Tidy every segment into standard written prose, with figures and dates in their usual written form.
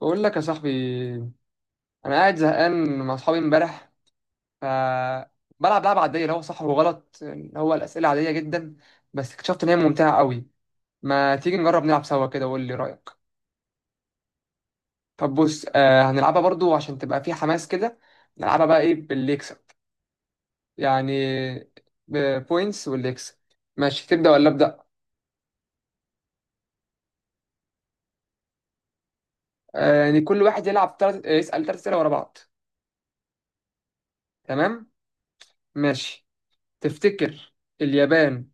بقول لك يا صاحبي، انا قاعد زهقان مع اصحابي امبارح. ف بلعب لعبه عاديه اللي هو صح وغلط، اللي هو الاسئله عاديه جدا، بس اكتشفت ان هي ممتعه قوي. ما تيجي نجرب نلعب سوا كده وقول لي رايك؟ طب بص، هنلعبها برضو عشان تبقى في حماس كده. نلعبها بقى ايه؟ باللي يكسب يعني، بوينتس، واللي يكسب. ماشي، تبدا ولا ابدا؟ يعني كل واحد يلعب يسال ثلاث اسئله ورا بعض. تمام. ماشي. تفتكر اليابان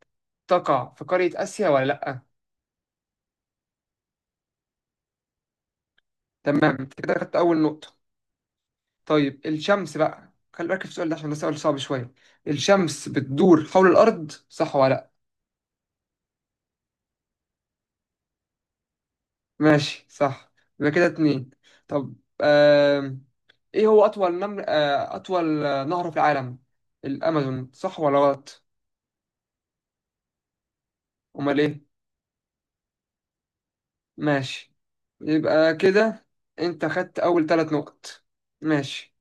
تقع في قاره اسيا ولا لا؟ تمام، انت كده خدت اول نقطة. طيب الشمس بقى، خلي بالك في السؤال ده عشان ده سؤال صعب شوية. الشمس بتدور حول الأرض صح ولا لأ؟ ماشي صح. يبقى كده اتنين. طب، آم... ايه هو أطول نمر آه... أطول آه، نهر في العالم؟ الأمازون صح ولا غلط؟ أمال ايه؟ ماشي، يبقى كده انت خدت أول ثلاث نقط. ماشي.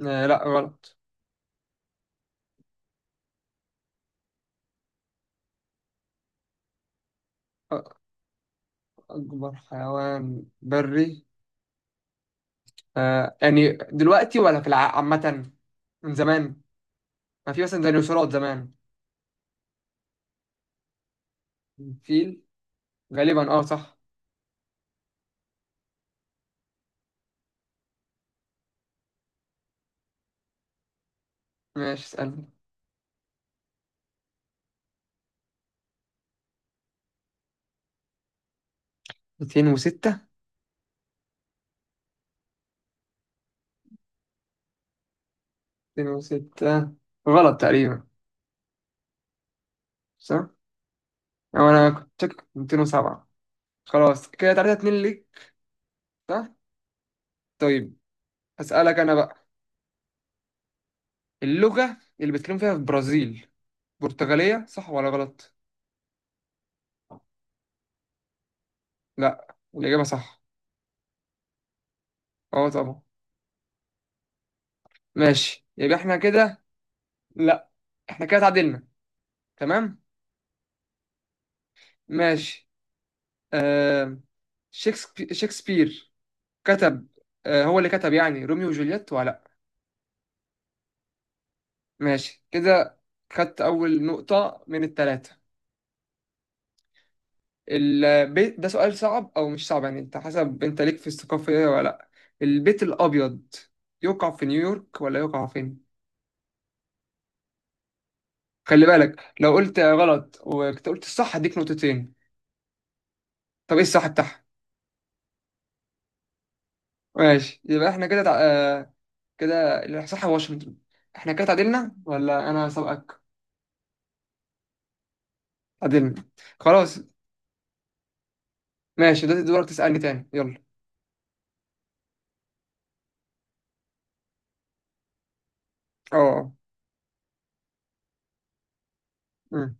لأ غلط. أكبر حيوان بري، يعني دلوقتي ولا في عامة؟ من زمان؟ ما في مثلا ديناصورات زمان. فيل غالبا، اه صح. ماشي، اسألني. 206. 206 غلط تقريبا. صح؟ أو أنا كنت شاكك في 207. خلاص كده 3 2 ليك. صح؟ طيب. أسألك أنا بقى، اللغة اللي بيتكلموا فيها في البرازيل برتغالية صح ولا غلط؟ لا الإجابة صح. اه طبعا. ماشي، يبقى احنا كده. لا احنا كده اتعادلنا. تمام؟ ماشي. آه، شكسبير كتب. هو اللي كتب يعني روميو وجولييت ولا لا؟ ماشي كده، خدت أول نقطة من التلاتة. البيت ده سؤال صعب أو مش صعب، يعني أنت حسب أنت ليك في الثقافة إيه ولا لأ. البيت الأبيض يقع في نيويورك ولا يقع فين؟ خلي بالك لو قلت غلط وكنت قلت الصح هديك نقطتين. طب إيه الصح بتاعها؟ ماشي يبقى إحنا كده تع... آه كده الصح واشنطن. إحنا كده تعادلنا ولا أنا سبقك؟ تعادلنا. خلاص ماشي، ده دورك تسألني تاني، يلا. اه، آه. مم.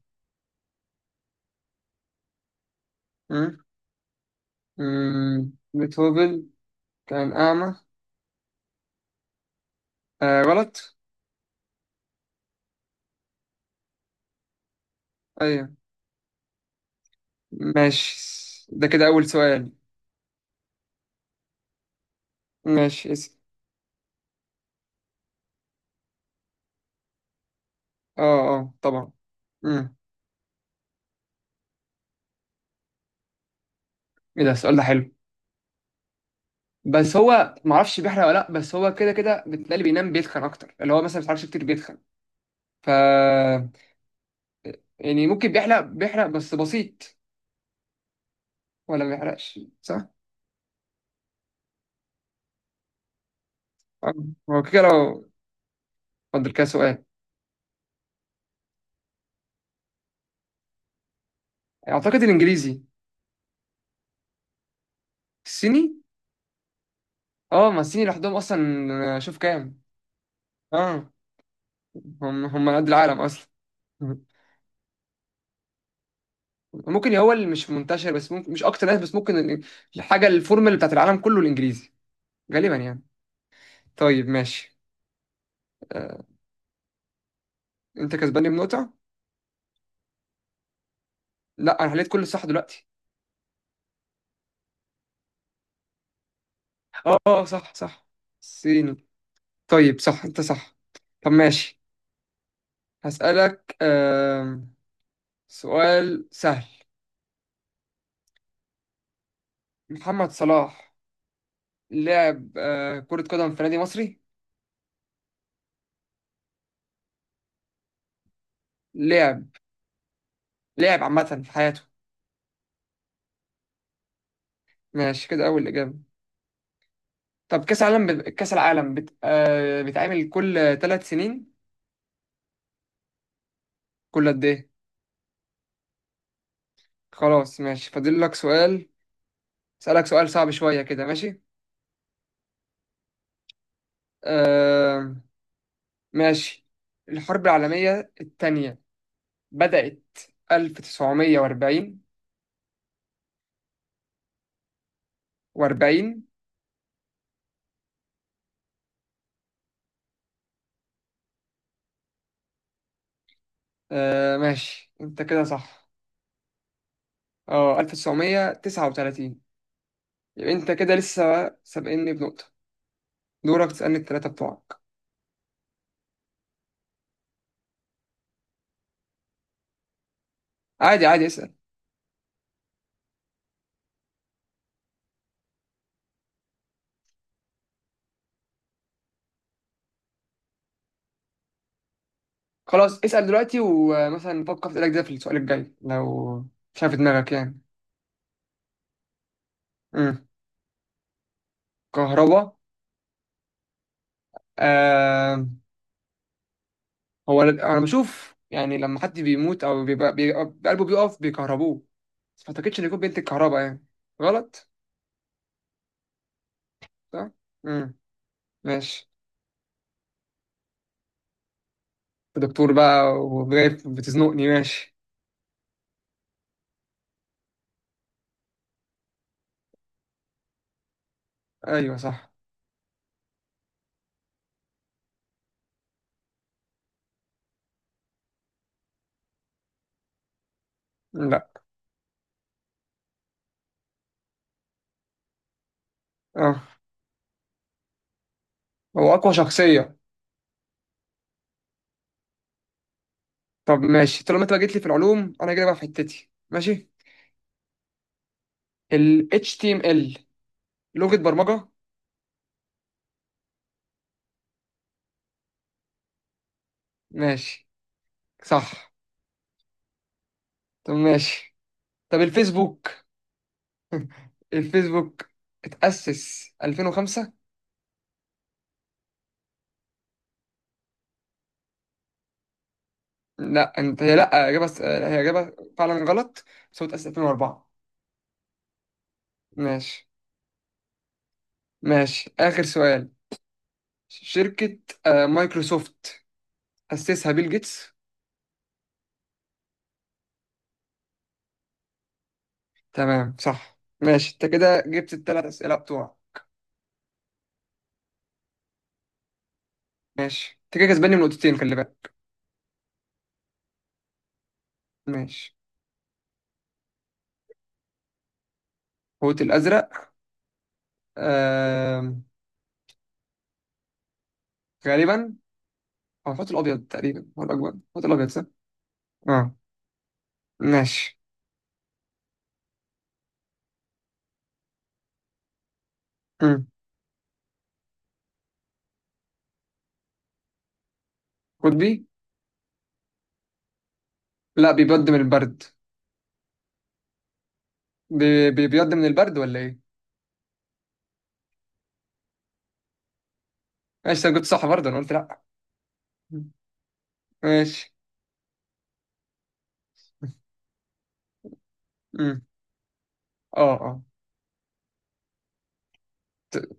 مم. مم. بيتهوفن كان أعمى. غلط. أيوه، ماشي ده كده أول سؤال. ماشي اسم. اه، اه طبعا. مم. ايه ده، السؤال ده حلو. بس هو معرفش بيحرق ولا لأ، بس هو كده كده بتلاقي اللي بينام بيتخن أكتر، اللي هو مثلا ما بيتحركش كتير بيتخن. ف يعني ممكن بيحرق بيحرق بس بسيط، ولا ما بيحرقش صح؟ آه. هو كده لو. اتفضل كده سؤال. أعتقد الإنجليزي. الصيني؟ اه، ما الصين لوحدهم اصلا شوف كام. اه، هم قد العالم اصلا. ممكن هو اللي مش منتشر، بس ممكن مش اكتر ناس، بس ممكن الحاجه الفورمال بتاعت العالم كله الانجليزي، غالبا يعني. طيب ماشي. آه، انت كسباني بنقطه. لا انا حليت كل صح دلوقتي. اه، اه صح صح. صيني. طيب صح انت صح. طب ماشي، هسألك سؤال سهل. محمد صلاح لعب كرة قدم في نادي مصري. لعب. لعب عامة في حياته. ماشي كده أول إجابة. طب كأس العالم كأس العالم بيتعمل كل 3 سنين؟ كل قد إيه؟ خلاص ماشي فاضل لك سؤال. أسألك سؤال صعب شوية كده، ماشي؟ آه... ماشي. الحرب العالمية الثانية بدأت 1940. و40. ماشي أنت كده صح. أه، 1939. يبقى أنت كده لسه سابقني بنقطة. دورك تسألني الثلاثة بتوعك. عادي عادي اسأل. خلاص اسأل دلوقتي، ومثلا فكر في اسألك ده في السؤال الجاي لو شايف دماغك، يعني. امم. كهرباء. آه، هو انا بشوف يعني لما حد بيموت او بيبقى، بيبقى قلبه بيقف بيكهربوه، بس ما اعتقدش ان يكون بينتج كهرباء يعني. غلط. صح. امم. ماشي. أنت دكتور بقى وجايب بتزنقني، ماشي. ايوه صح. لا. اه، هو اقوى شخصية. طب ماشي، طالما انت بقى جيت لي في العلوم انا جاي بقى في حتتي، ماشي. ال HTML لغة برمجة. ماشي صح. طب ماشي. طب الفيسبوك. الفيسبوك اتأسس 2005. لا انت هي، لا اجابه، هي اجابه فعلا غلط. بس هو اتأسس 2004. ماشي. ماشي اخر سؤال. شركه مايكروسوفت أسسها بيل جيتس. تمام صح، ماشي انت كده جبت الثلاث اسئله بتوع. ماشي انت كده كسباني بنقطتين، خلي بالك. ماشي. الحوت الازرق. آه... غالبا، او الحوت الابيض تقريبا هو الاكبر، الحوت الابيض صح. اه. ماشي. مم. قطبي. لا، بيبيض من البرد. بيبيض من البرد ولا ايه؟ ماشي، انا كنت صح برضه، انا قلت لا. مم. ماشي. مم. اه، اه. ت-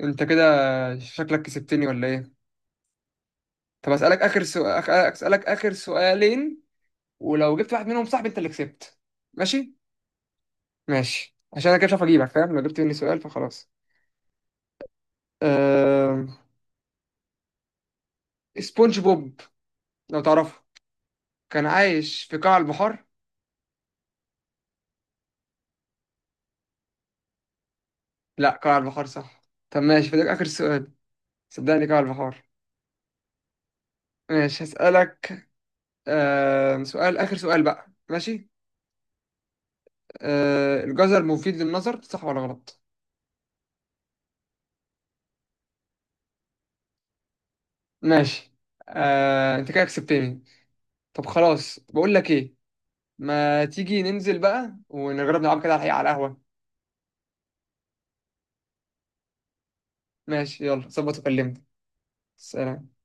انت كده، شكلك كسبتني ولا ايه. طب اسالك اخر سؤالين، ولو جبت واحد منهم صح انت اللي كسبت. ماشي. ماشي، عشان انا كده مش عارف اجيبك فاهم، لو جبت مني سؤال فخلاص. أه... سبونج بوب لو تعرفه، كان عايش في قاع البحار. لا قاع البحار صح. طب ماشي فده اخر سؤال. صدقني قاع البحار. ماشي هسألك. آه سؤال آخر سؤال بقى، ماشي. الجزر مفيد للنظر صح ولا غلط؟ ماشي. انت كده كسبتني. طب خلاص، بقول لك ايه، ما تيجي ننزل بقى ونجرب نلعب كده على الحقيقة على القهوة. ماشي يلا ظبط وكلمني. سلام.